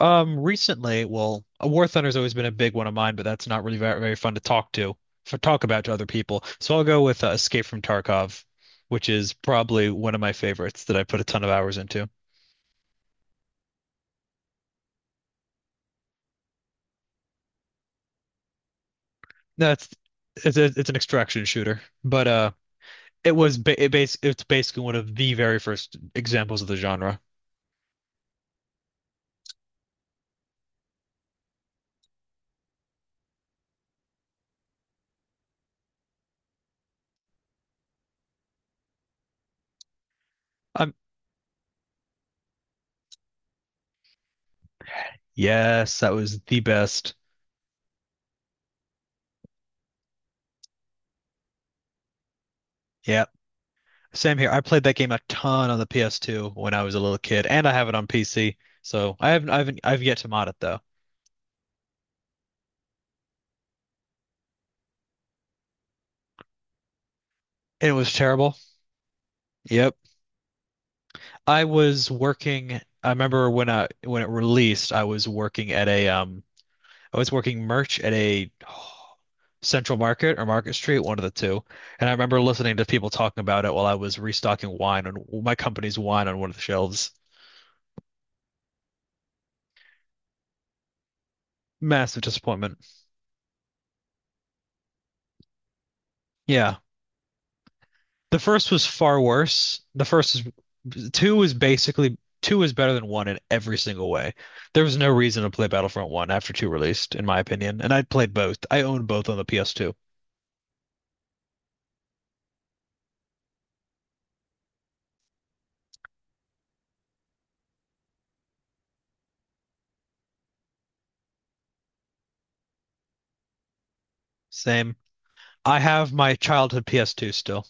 Recently, well, a War Thunder's always been a big one of mine, but that's not really very, very fun to talk to, for talk about to other people. So I'll go with Escape from Tarkov, which is probably one of my favorites that I put a ton of hours into. That's it's an extraction shooter, but it was ba it base it's basically one of the very first examples of the genre. Um, yes, that was the best. Yeah, same here. I played that game a ton on the PS2 when I was a little kid, and I have it on PC. So I haven't, I've yet to mod it though. It was terrible. Yep. I was working. I remember when it released, I was working at a I was working merch at a Central Market or Market Street, one of the two. And I remember listening to people talking about it while I was restocking wine on my company's wine on one of the shelves. Massive disappointment. Yeah. The first was far worse. The first was two was basically two was better than one in every single way. There was no reason to play Battlefront 1 after 2 released, in my opinion. And I played both. I owned both on the PS2. Same. I have my childhood PS2 still.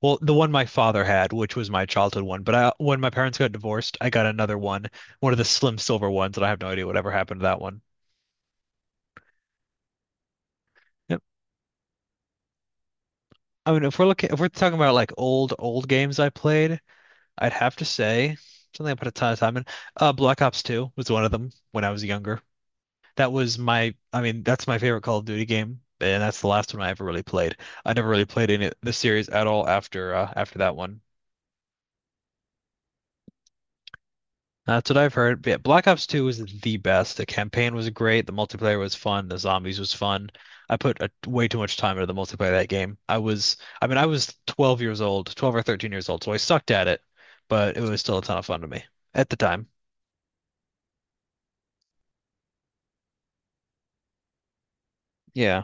Well, the one my father had, which was my childhood one, but when my parents got divorced, I got another one, one of the slim silver ones, and I have no idea whatever happened to that one. Yep. I mean, if we're talking about like old, old games I played, I'd have to say something I put a ton of time in. Black Ops 2 was one of them when I was younger. I mean, that's my favorite Call of Duty game, and that's the last one I ever really played. I never really played any the series at all after that one. That's what I've heard. But yeah, Black Ops 2 was the best. The campaign was great. The multiplayer was fun. The zombies was fun. I put way too much time into the multiplayer of that game. I mean, I was 12 years old, 12 or 13 years old, so I sucked at it, but it was still a ton of fun to me at the time. Yeah.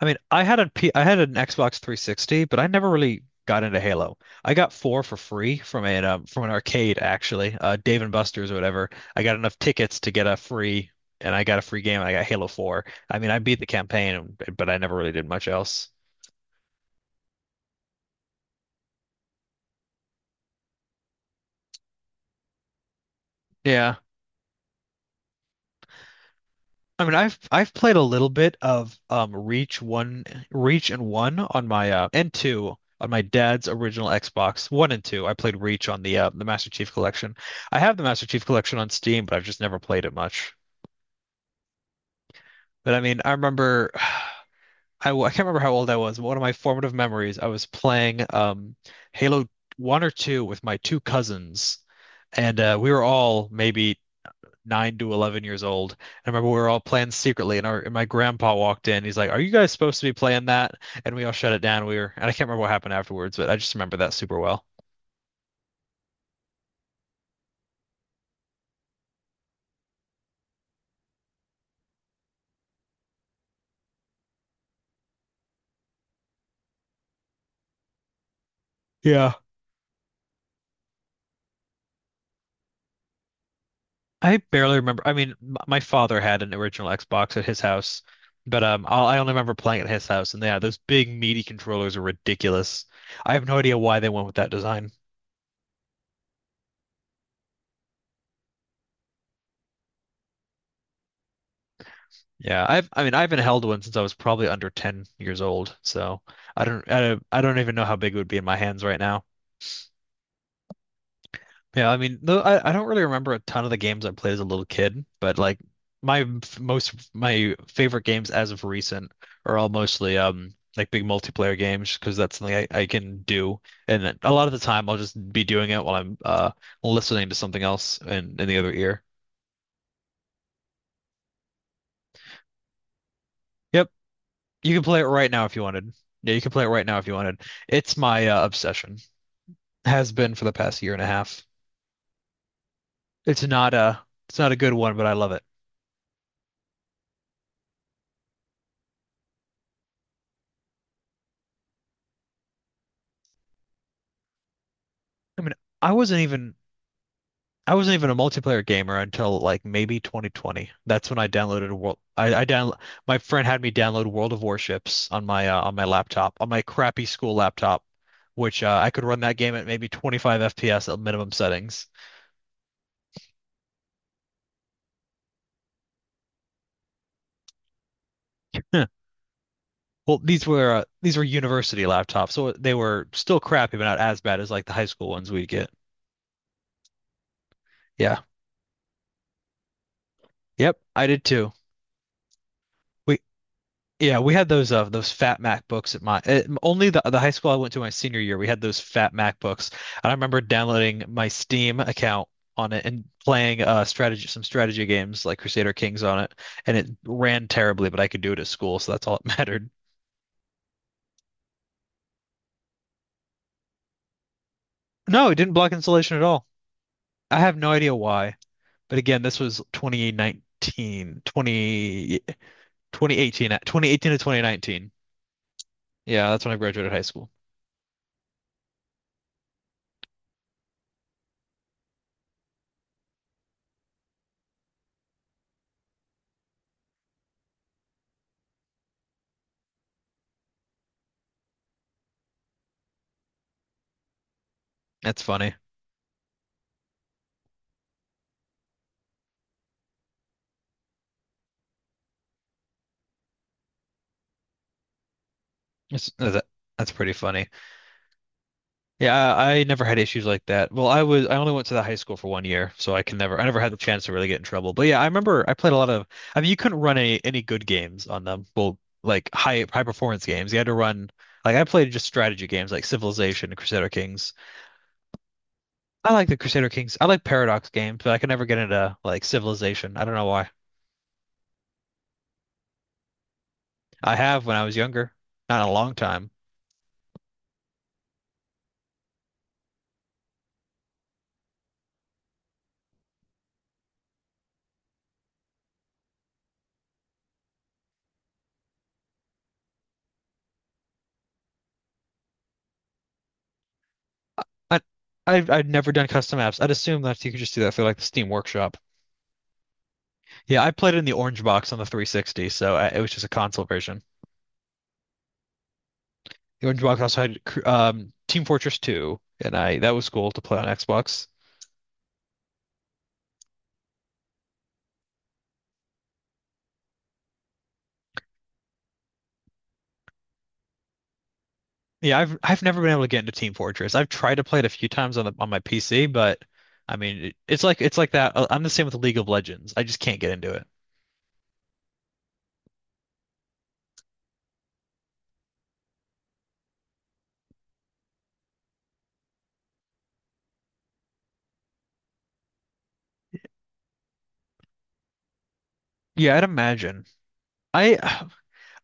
I mean, I had an Xbox 360, but I never really got into Halo. I got four for free from a from an arcade actually, Dave and Buster's or whatever. I got enough tickets to get a free game, and I got Halo 4. I mean, I beat the campaign, but I never really did much else. Yeah. I mean, I've played a little bit of Reach one, Reach and one on my and two on my dad's original Xbox one and two. I played Reach on the Master Chief Collection. I have the Master Chief Collection on Steam, but I've just never played it much. But I mean, I remember I can't remember how old I was, but one of my formative memories, I was playing Halo one or two with my two cousins, and we were all maybe 9 to 11 years old. I remember we were all playing secretly, and our and my grandpa walked in. He's like, "Are you guys supposed to be playing that?" And we all shut it down. And I can't remember what happened afterwards, but I just remember that super well. Yeah. I barely remember. I mean, my father had an original Xbox at his house, but I only remember playing at his house. And yeah, those big meaty controllers are ridiculous. I have no idea why they went with that design. Yeah, I mean I haven't held one since I was probably under 10 years old, so I don't even know how big it would be in my hands right now. Yeah, I mean, though I don't really remember a ton of the games I played as a little kid, but like most my favorite games as of recent are all mostly like big multiplayer games because that's something I can do, and then a lot of the time I'll just be doing it while I'm listening to something else in the other ear. Yep, you can play it right now if you wanted. Yeah, you can play it right now if you wanted. It's my obsession. Has been for the past year and a half. It's not a it's not a good one, but I love it. I mean, I wasn't even. I wasn't even a multiplayer gamer until like maybe 2020. That's when I downloaded a world. I down My friend had me download World of Warships on my laptop on my crappy school laptop, which I could run that game at maybe 25 FPS at minimum settings. Huh. Well, these were university laptops, so they were still crappy, but not as bad as like the high school ones we'd get. Yeah. Yep. I did too. We Yeah, we had those fat MacBooks at my only the high school I went to my senior year. We had those fat MacBooks, and I remember downloading my Steam account on it and playing strategy games like Crusader Kings on it, and it ran terribly, but I could do it at school, so that's all it mattered. No, it didn't block installation at all. I have no idea why, but again, this was 2019, 20 twenty eighteen, 2018 to 2019. Yeah, that's when I graduated high school. That's funny. That's, that's that's pretty funny. Yeah, I never had issues like that. Well, I only went to the high school for one year, so I never had the chance to really get in trouble. But yeah, I remember I played a lot of, I mean, you couldn't run any good games on them. Well, like high performance games. You had to run, like, I played just strategy games like Civilization and Crusader Kings. I like the Crusader Kings. I like Paradox games, but I could never get into like Civilization. I don't know why. I have when I was younger, not in a long time. I I've never done custom apps. I'd assume that you could just do that through like the Steam Workshop. Yeah, I played it in the Orange Box on the 360, so it was just a console version. The Orange Box also had Team Fortress 2, and I that was cool to play on Xbox. Yeah, I've never been able to get into Team Fortress. I've tried to play it a few times on the on my PC, but I mean, it's like that. I'm the same with League of Legends. I just can't get into it. Yeah, I'd imagine. I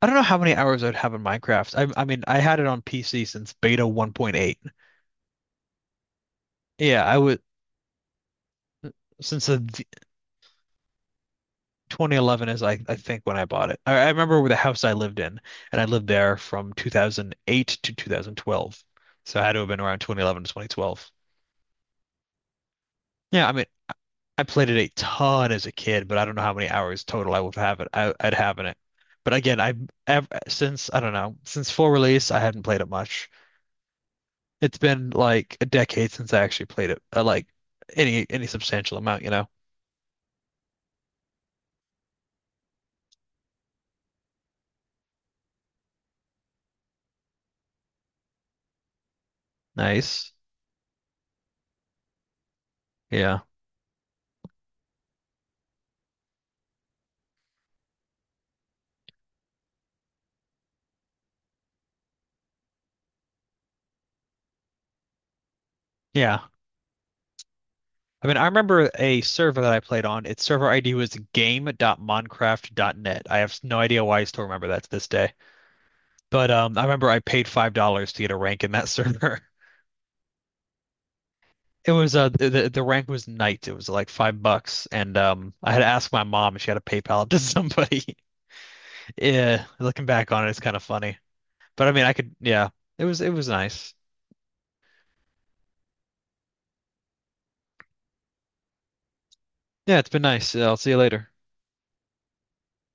I don't know how many hours I'd have in Minecraft. I mean, I had it on PC since beta 1.8. Yeah, I would since the 2011 is, I think, when I bought it. I remember with the house I lived in, and I lived there from 2008 to 2012. So I had to have been around 2011 to 2012. Yeah, I mean, I played it a ton as a kid, but I don't know how many hours total I would have it. I'd have in it. But again, since I don't know, since full release, I hadn't played it much. It's been like a decade since I actually played it, like any substantial amount. Nice. Yeah. Yeah. I mean, I remember a server that I played on. Its server ID was game.minecraft.net. I have no idea why I still remember that to this day. But I remember I paid $5 to get a rank in that server. It was the rank was knight. It was like 5 bucks, and I had to ask my mom if she had a PayPal to somebody. Yeah, looking back on it, it's kind of funny. But I mean, I could yeah, it was nice. Yeah, it's been nice. I'll see you later.